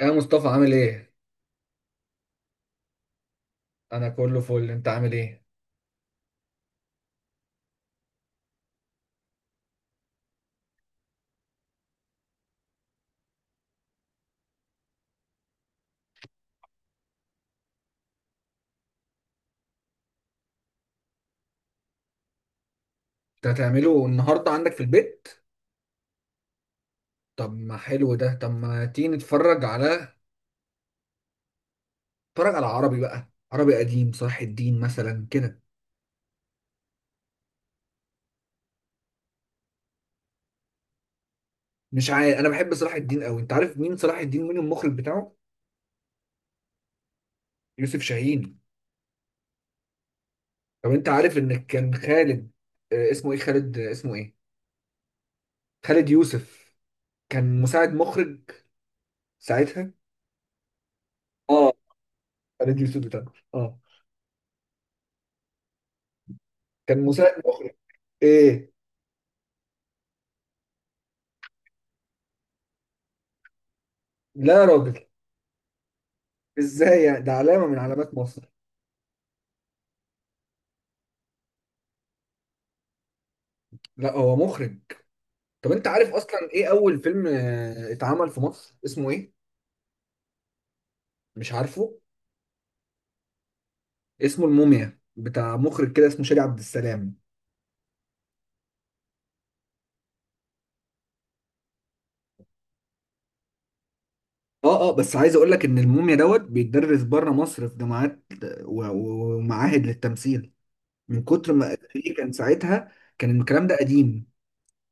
ايه يا مصطفى عامل ايه؟ انا كله فل، انت عامل ايه؟ انت هتعمله النهارده عندك في البيت؟ طب ما حلو ده. طب ما تيجي نتفرج على عربي بقى، عربي قديم، صلاح الدين مثلا كده. مش عارف، انا بحب صلاح الدين قوي. انت عارف مين صلاح الدين؟ مين المخرج بتاعه؟ يوسف شاهين. طب انت عارف ان كان خالد اسمه ايه؟ خالد اسمه ايه؟ خالد يوسف، كان مساعد مخرج ساعتها. اه خالد يوسف بتاعه، اه، كان مساعد مخرج. ايه؟ لا يا راجل، ازاي يعني؟ ده علامة من علامات مصر. لا هو مخرج. طب انت عارف اصلا ايه اول فيلم اتعمل في مصر، اسمه ايه؟ مش عارفه. اسمه الموميا، بتاع مخرج كده اسمه شادي عبد السلام. اه اه، بس عايز اقول لك ان الموميا دوت بيتدرس بره مصر في جامعات ومعاهد للتمثيل، من كتر ما فيه كان ساعتها. كان الكلام ده قديم،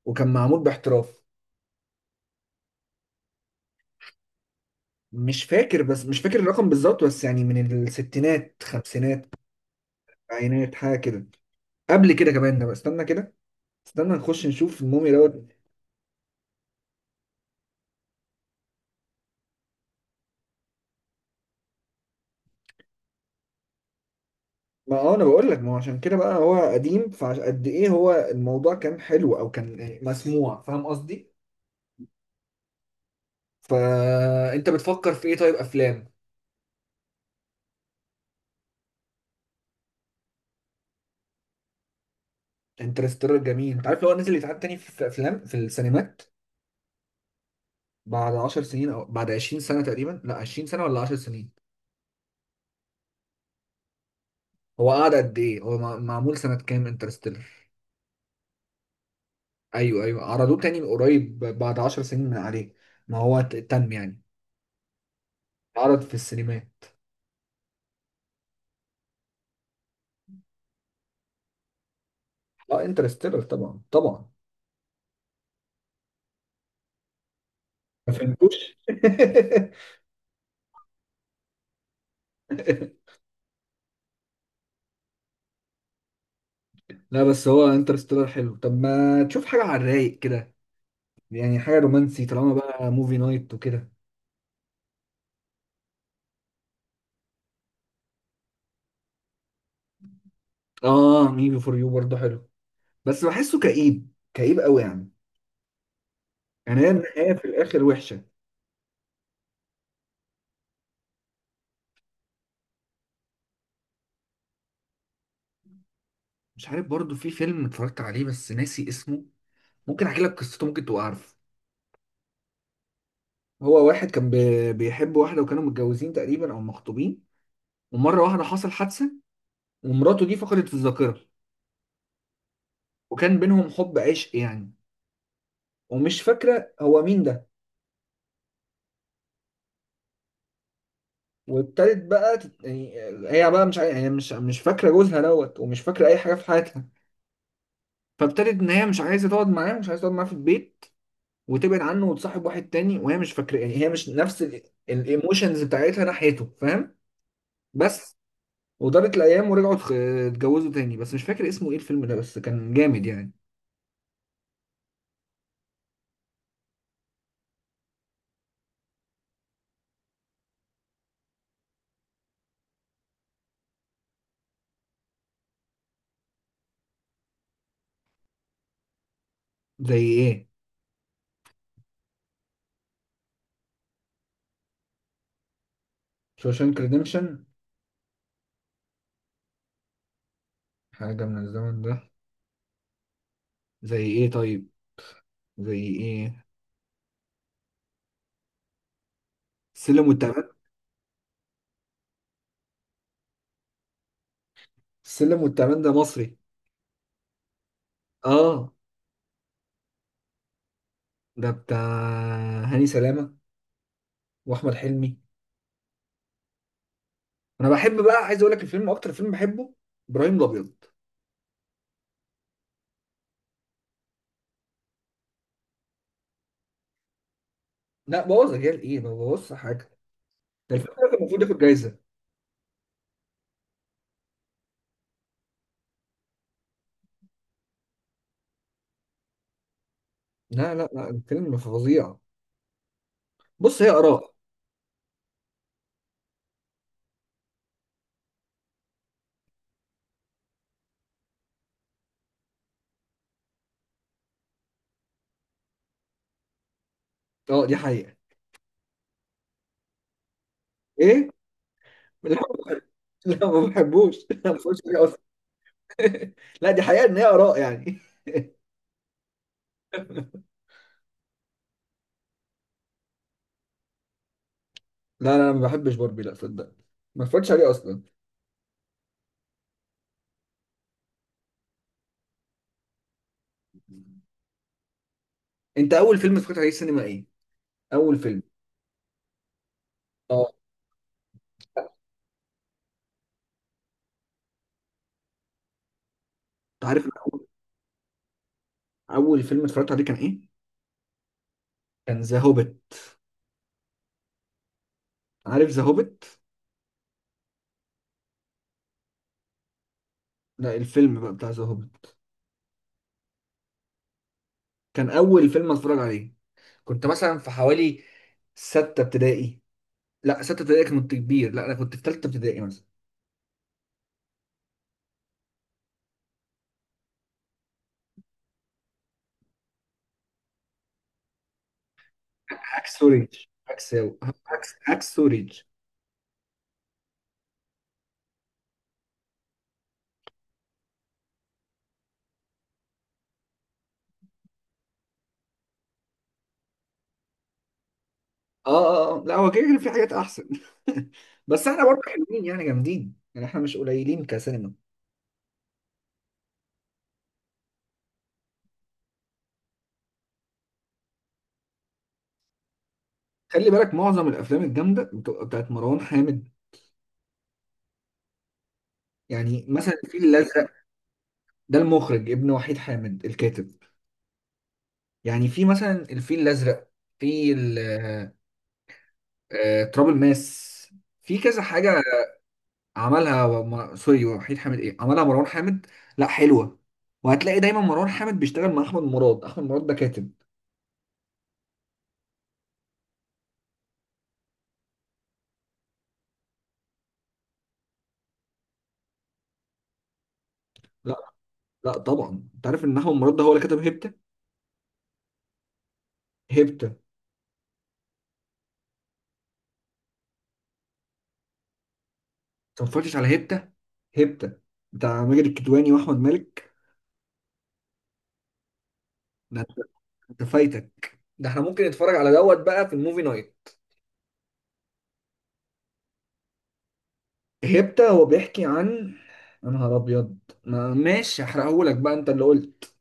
وكان معمول باحتراف. مش فاكر، بس مش فاكر الرقم بالظبط، بس يعني من الستينات، خمسينات، عينات، حاجة كده، قبل كده كمان. ده استنى كده، استنى نخش نشوف مومي دوت. ما هو انا بقول لك، ما هو عشان كده بقى هو قديم، فقد ايه، هو الموضوع كان حلو او كان يعني مسموع، فاهم قصدي؟ فانت بتفكر في ايه؟ طيب افلام. انترستيلر جميل. انت عارف لو هو نزل يتعاد تاني في افلام في السينمات بعد 10 سنين او بعد 20 سنة سنه تقريبا؟ لا 20 سنة سنه ولا 10 سنين. هو قعد قد ايه؟ هو معمول سنه كام انترستيلر؟ ايوه ايوه، عرضوه تاني من قريب بعد 10 سنين من عليه. ما هو تم يعني عرض في السينمات. اه انترستيلر طبعا، طبعا. ما فهمتوش؟ لا بس هو انترستيلر حلو. طب ما تشوف حاجة على الرايق كده، يعني حاجة رومانسي طالما بقى موفي نايت وكده. اه، مي بي فور يو برضه حلو، بس بحسه كئيب، كئيب قوي يعني. يعني هي النهاية في الآخر وحشة. مش عارف، برضه في فيلم اتفرجت عليه بس ناسي اسمه. ممكن احكي لك قصته، ممكن تبقى عارفه. هو واحد كان بيحب واحدة، وكانوا متجوزين تقريبا أو مخطوبين. ومرة واحدة حصل حادثة، ومراته دي فقدت الذاكرة. وكان بينهم حب عشق يعني، ومش فاكرة هو مين ده. وابتدت بقى يعني، هي بقى مش عاي... هي مش فاكره جوزها دوت، ومش فاكره اي حاجه في حياتها. فابتدت ان هي مش عايزه تقعد معاه، في البيت، وتبعد عنه وتصاحب واحد تاني، وهي مش فاكره. يعني هي مش نفس الايموشنز بتاعتها ناحيته، فاهم؟ بس. ودارت الايام ورجعوا اتجوزوا تاني. بس مش فاكر اسمه ايه الفيلم ده، بس كان جامد يعني. زي ايه؟ شوشانك ريديمشن. حاجه من الزمن ده، زي ايه طيب؟ زي ايه؟ السلم والتعبان. السلم والتعبان ده مصري. اه، ده بتاع هاني سلامة واحمد حلمي. انا بحب بقى، عايز اقول لك الفيلم اكتر فيلم بحبه، ابراهيم الابيض. لا بوظ رجال ايه، ما بوظش حاجه. ده الفيلم ده كان المفروض ياخد جايزه. لا الفيلم فظيع. بص، هي اراء. اه دي حقيقه. ايه؟ لا لا ما بحبوش لا ما بتفرجش عليه اصلا. لا دي حقيقه ان هي اراء يعني لا أنا ما بحبش باربي، لا صدق. ما اتفرجتش عليه اصلا. انت اول فيلم اتفرجت عليه السينما ايه؟ اول فيلم. اه انت عارف أنا اول فيلم اتفرجت عليه كان ايه؟ كان ذا هوبيت. عارف ذا هوبيت؟ لا الفيلم بقى بتاع ذا هوبيت، كان اول فيلم اتفرج عليه. كنت مثلا في حوالي ستة ابتدائي. لا ستة ابتدائي كنت كبير، لا انا كنت في ثالثة ابتدائي مثلا. عكس سوريج، عكس عكس سوريج. اه اه لا هو كده كده في حاجات احسن. بس احنا برضه حلوين يعني، جامدين يعني، احنا مش قليلين كسينما. خلي بالك معظم الافلام الجامده بتبقى بتاعت مروان حامد. يعني مثلا الفيل الازرق. ده المخرج ابن وحيد حامد الكاتب. يعني في مثلا الفيل الازرق، في تراب الماس، في كذا حاجة. عملها سوري، وحيد حامد ايه، عملها مروان حامد. لا حلوة. وهتلاقي دايما مروان حامد بيشتغل مع احمد مراد. احمد مراد ده كاتب. لا طبعا انت عارف ان احمد مراد ده هو اللي كتب هيبتا. هيبتا. انت ما اتفرجتش على هيبتا؟ هيبتا بتاع ماجد الكدواني واحمد مالك. ده انت، أنت فايتك ده. احنا ممكن نتفرج على دوت بقى في الموفي نايت. هيبتا هو بيحكي عن، يا نهار ابيض، ماشي هحرقهولك بقى انت اللي قلت.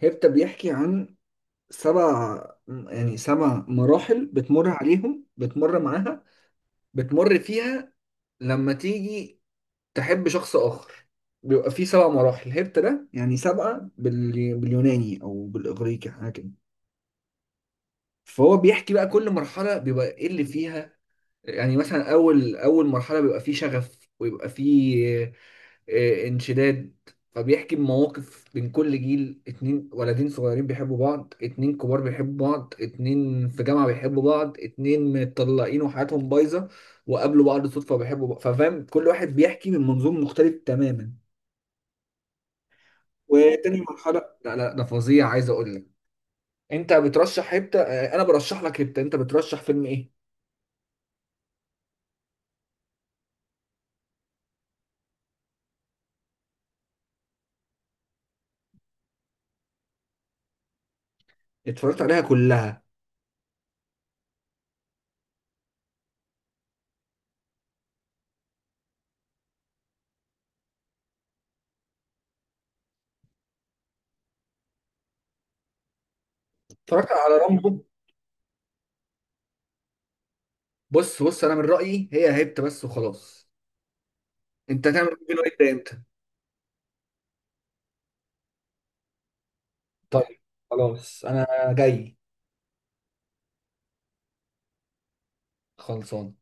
هيبتا بيحكي عن سبع، يعني سبع مراحل بتمر عليهم، بتمر معاها، بتمر فيها لما تيجي تحب شخص آخر. بيبقى فيه سبع مراحل، هرت ده يعني سبعة باليوناني أو بالإغريقي حاجة كده. فهو بيحكي بقى كل مرحلة بيبقى إيه اللي فيها. يعني مثلا أول مرحلة بيبقى فيه شغف، ويبقى فيه انشداد. فبيحكي بمواقف بين كل جيل، اتنين ولدين صغيرين بيحبوا بعض، اتنين كبار بيحبوا بعض، اتنين في جامعة بيحبوا بعض، اتنين متطلقين وحياتهم بايظة وقابلوا بعض صدفة وبيحبوا بعض. ففاهم كل واحد بيحكي من منظور مختلف تماما. وتاني مرحلة، لا لا ده فظيع، عايز اقول لك. انت بترشح هبتة؟ انا برشح لك هبتة. انت بترشح فيلم ايه؟ اتفرجت عليها كلها. اتفرجت على رامبو. بص انا من رأيي هي هبتة بس وخلاص. انت هتعمل فين وانت امتى؟ طيب خلاص، انا جاي. خلصان.